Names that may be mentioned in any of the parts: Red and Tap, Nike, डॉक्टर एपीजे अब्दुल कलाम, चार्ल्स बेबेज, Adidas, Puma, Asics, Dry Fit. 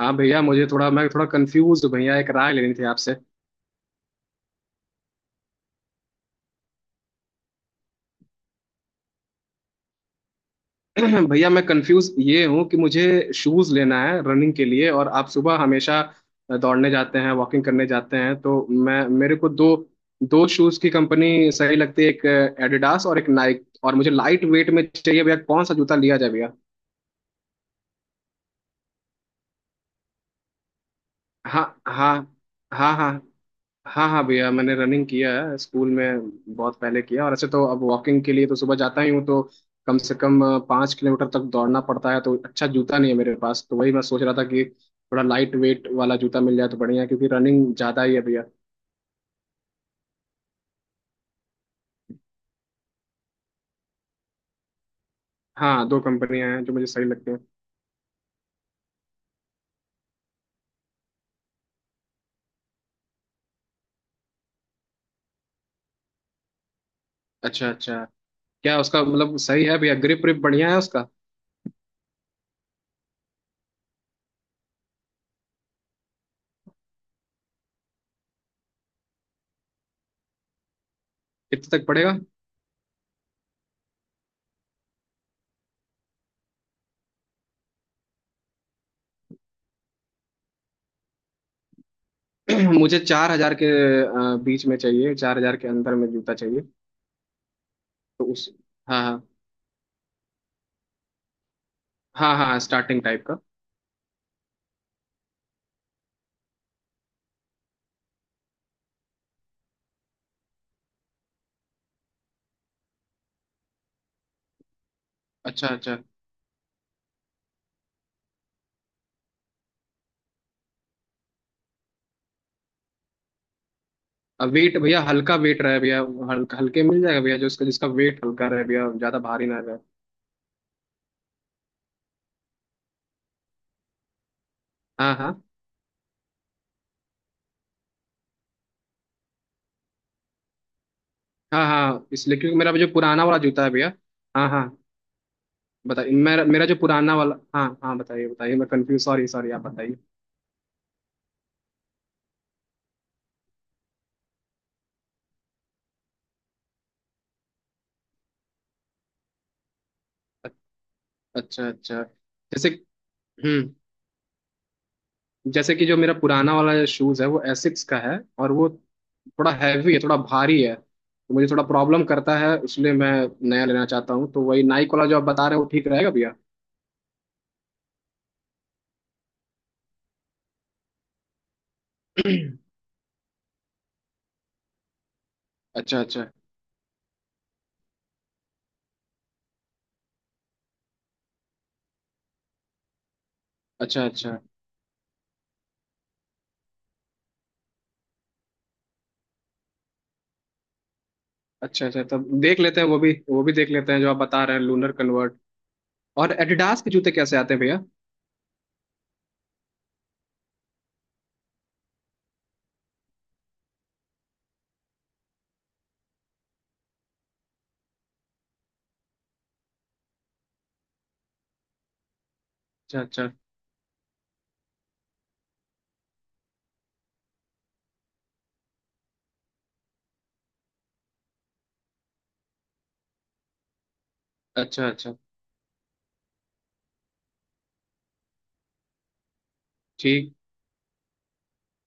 हाँ भैया, मुझे थोड़ा मैं थोड़ा कंफ्यूज हूँ भैया। एक राय लेनी थी आपसे। भैया, मैं कंफ्यूज ये हूँ कि मुझे शूज लेना है रनिंग के लिए, और आप सुबह हमेशा दौड़ने जाते हैं, वॉकिंग करने जाते हैं। तो मैं, मेरे को दो दो शूज की कंपनी सही लगती है, एक एडिडास और एक नाइक। और मुझे लाइट वेट में चाहिए भैया। कौन सा जूता लिया जाए भैया? हाँ, हाँ। हाँ, हाँ। हाँ, हाँ भैया, मैंने रनिंग किया है स्कूल में बहुत पहले किया। और ऐसे तो अब वॉकिंग के लिए तो सुबह जाता ही हूँ, तो कम से कम 5 किलोमीटर तक दौड़ना पड़ता है। तो अच्छा जूता नहीं है मेरे पास, तो वही मैं सोच रहा था कि थोड़ा लाइट वेट वाला जूता मिल जाए तो बढ़िया है, क्योंकि रनिंग ज़्यादा ही है भैया। हाँ, दो कंपनियां हैं जो मुझे सही लगती हैं। अच्छा, अच्छा। क्या उसका मतलब सही है भैया? ग्रिप ग्रिप बढ़िया है उसका? कितने तक पड़ेगा? मुझे 4 हजार के बीच में चाहिए, 4 हजार के अंदर में जूता चाहिए। तो उस हाँ, हाँ, हाँ, हाँ, स्टार्टिंग टाइप का। अच्छा, अच्छा। अब वेट भैया, हल्का वेट रहे भैया। हल्का हल्के मिल जाएगा भैया, जो उसका जिसका वेट हल्का रहे भैया, ज्यादा भारी ना रहे। हाँ, हाँ। हाँ, हाँ। इसलिए क्योंकि मेरा जो पुराना वाला जूता है भैया। हाँ, हाँ, बताइए। मेरा मेरा जो पुराना वाला, हाँ, हाँ, बताइए, बताइए। मैं कंफ्यूज। सॉरी, सॉरी, आप बताइए। अ- अच्छा, अच्छा। जैसे हम्म जैसे कि जो मेरा पुराना वाला शूज है वो एसिक्स का है, और वो थोड़ा हैवी है, थोड़ा भारी है, तो मुझे थोड़ा प्रॉब्लम करता है, इसलिए मैं नया लेना चाहता हूँ। तो वही नाइक वाला जो आप बता रहे हो वो ठीक रहेगा भैया। अच्छा, अच्छा। अच्छा, अच्छा। अच्छा, अच्छा। तब देख लेते हैं, वो भी, वो भी देख लेते हैं जो आप बता रहे हैं, लूनर कन्वर्ट। और एडिडास के जूते कैसे आते हैं भैया? अच्छा, अच्छा। अच्छा, अच्छा। ठीक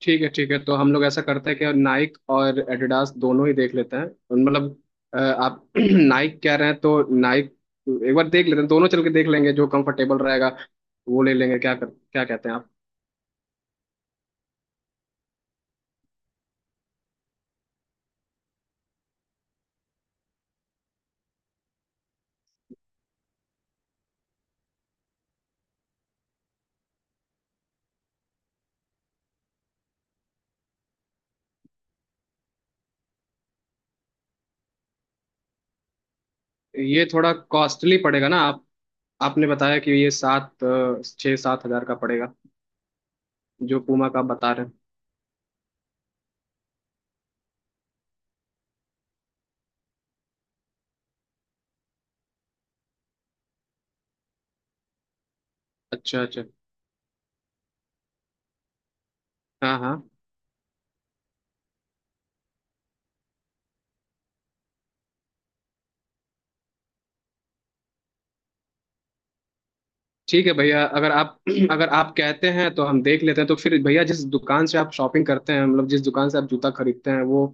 ठीक है, ठीक है। तो हम लोग ऐसा करते हैं कि नाइक और एडिडास दोनों ही देख लेते हैं, मतलब आप नाइक कह रहे हैं तो नाइक एक बार देख लेते हैं। दोनों चल के देख लेंगे, जो कंफर्टेबल रहेगा वो ले लेंगे। क्या कहते हैं आप? ये थोड़ा कॉस्टली पड़ेगा ना आप आपने बताया कि ये 6-7 हजार का पड़ेगा, जो पूमा का आप बता रहे हैं। अच्छा, अच्छा। हाँ, हाँ। ठीक है भैया, अगर आप अगर आप कहते हैं तो हम देख लेते हैं। तो फिर भैया, जिस दुकान से आप शॉपिंग करते हैं, मतलब जिस दुकान से आप जूता खरीदते हैं, वो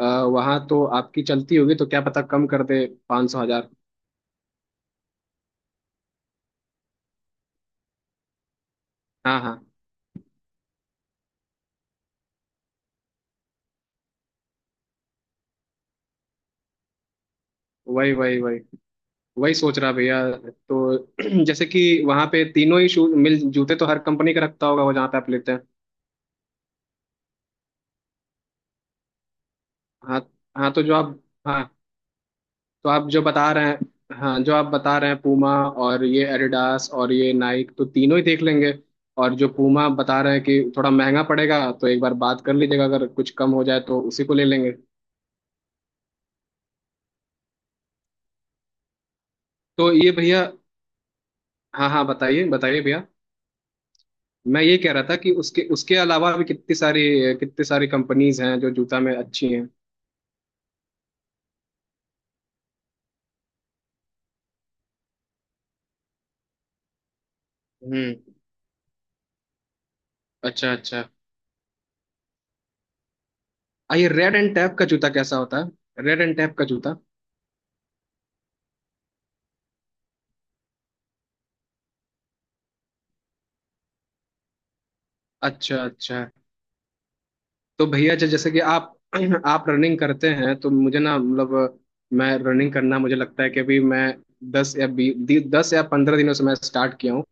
वहाँ तो आपकी चलती होगी, तो क्या पता कम कर दे, पाँच सौ, हजार। हाँ, हाँ। वही, वही, वही। वही सोच रहा भैया। तो जैसे कि वहाँ पे तीनों ही शूज मिल जूते तो हर कंपनी का रखता होगा वो, जहाँ पे आप लेते हैं। हाँ, हाँ। तो जो आप हाँ, तो आप जो बता रहे हैं, हाँ, जो आप बता रहे हैं, पूमा और ये एडिडास और ये नाइक, तो तीनों ही देख लेंगे। और जो पूमा बता रहे हैं कि थोड़ा महंगा पड़ेगा, तो एक बार बात कर लीजिएगा, अगर कुछ कम हो जाए तो उसी को ले लेंगे। तो ये भैया, हाँ, हाँ, बताइए, बताइए भैया। मैं ये कह रहा था कि उसके उसके अलावा भी कितनी सारी कंपनीज हैं जो जूता में अच्छी हैं। हम्म। अच्छा, अच्छा। आ ये रेड एंड टैप का जूता कैसा होता है? रेड एंड टैप का जूता? अच्छा, अच्छा। तो भैया जी, जैसे कि आप आप रनिंग करते हैं तो मुझे ना, मतलब मैं रनिंग करना, मुझे लगता है कि अभी मैं दस या बी 10 या 15 दिनों से मैं स्टार्ट किया हूँ।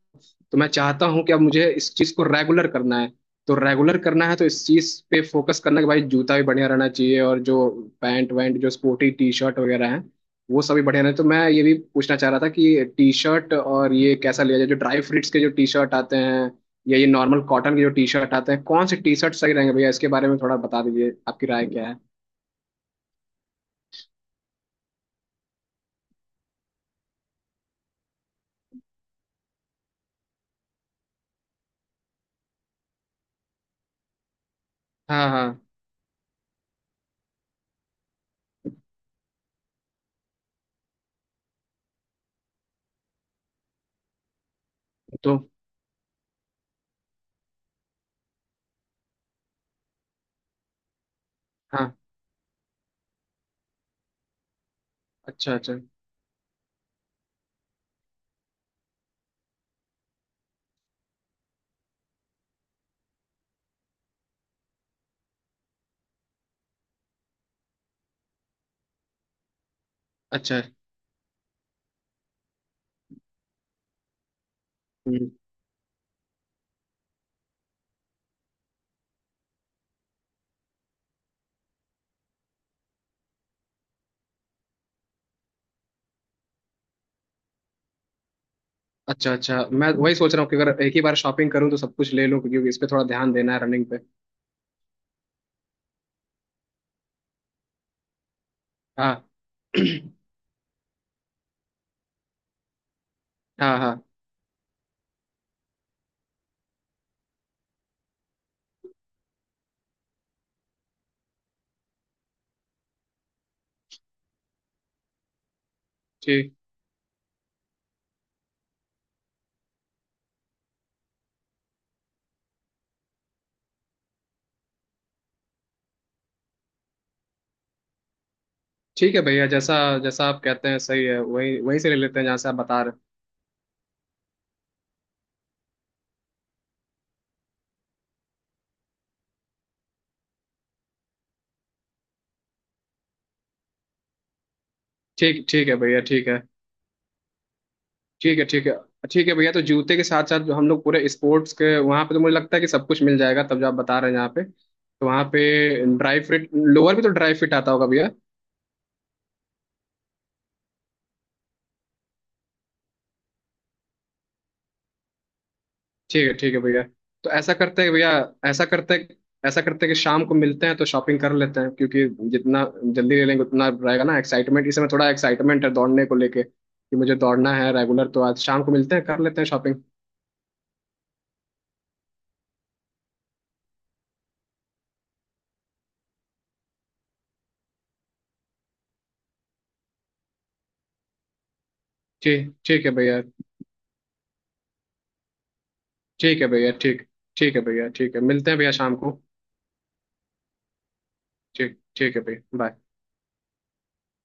तो मैं चाहता हूँ कि अब मुझे इस चीज को रेगुलर करना है। तो रेगुलर करना है, तो इस चीज पे फोकस करना कि भाई जूता भी बढ़िया रहना चाहिए, और जो पैंट वैंट, जो स्पोर्टी टी शर्ट वगैरह है, वो सभी बढ़िया रहे। तो मैं ये भी पूछना चाह रहा था कि टी शर्ट और ये कैसा लिया जाए, जो ड्राई फ्रूट्स के जो टी शर्ट आते हैं, या ये नॉर्मल कॉटन के जो टी शर्ट आते हैं, कौन से टी शर्ट सही रहेंगे भैया? इसके बारे में थोड़ा बता दीजिए, आपकी राय क्या है? हाँ, हाँ। तो हाँ, अच्छा, अच्छा। अच्छा, अच्छा। अच्छा, मैं वही सोच रहा हूँ कि अगर एक ही बार शॉपिंग करूँ तो सब कुछ ले लूँ, क्योंकि इस पे थोड़ा ध्यान देना है रनिंग पे। हाँ हाँ, हाँ। ठीक ठीक है भैया, जैसा जैसा आप कहते हैं सही है, वही वहीं से ले लेते हैं जहाँ से आप बता रहे हैं। ठीक ठीक है भैया। ठीक है। ठीक है। ठीक है। ठीक है भैया। तो जूते के साथ साथ जो हम लोग पूरे स्पोर्ट्स के वहाँ पे, तो मुझे लगता है कि सब कुछ मिल जाएगा, तब जो आप बता रहे हैं यहाँ पे, तो वहाँ पे ड्राई फिट लोअर भी, तो ड्राई फिट आता होगा भैया? ठीक है, ठीक है भैया। तो ऐसा करते हैं भैया, ऐसा करते ऐसा करते हैं कि शाम को मिलते हैं तो शॉपिंग कर लेते हैं, क्योंकि जितना जल्दी ले लेंगे उतना रहेगा ना एक्साइटमेंट। इस समय थोड़ा एक्साइटमेंट है दौड़ने को लेके कि मुझे दौड़ना है रेगुलर, तो आज शाम को मिलते हैं, कर लेते हैं शॉपिंग। ठीक ठीक है भैया। ठीक है भैया। ठीक ठीक है भैया। ठीक है, मिलते हैं भैया शाम को। ठीक ठीक है भैया। बाय।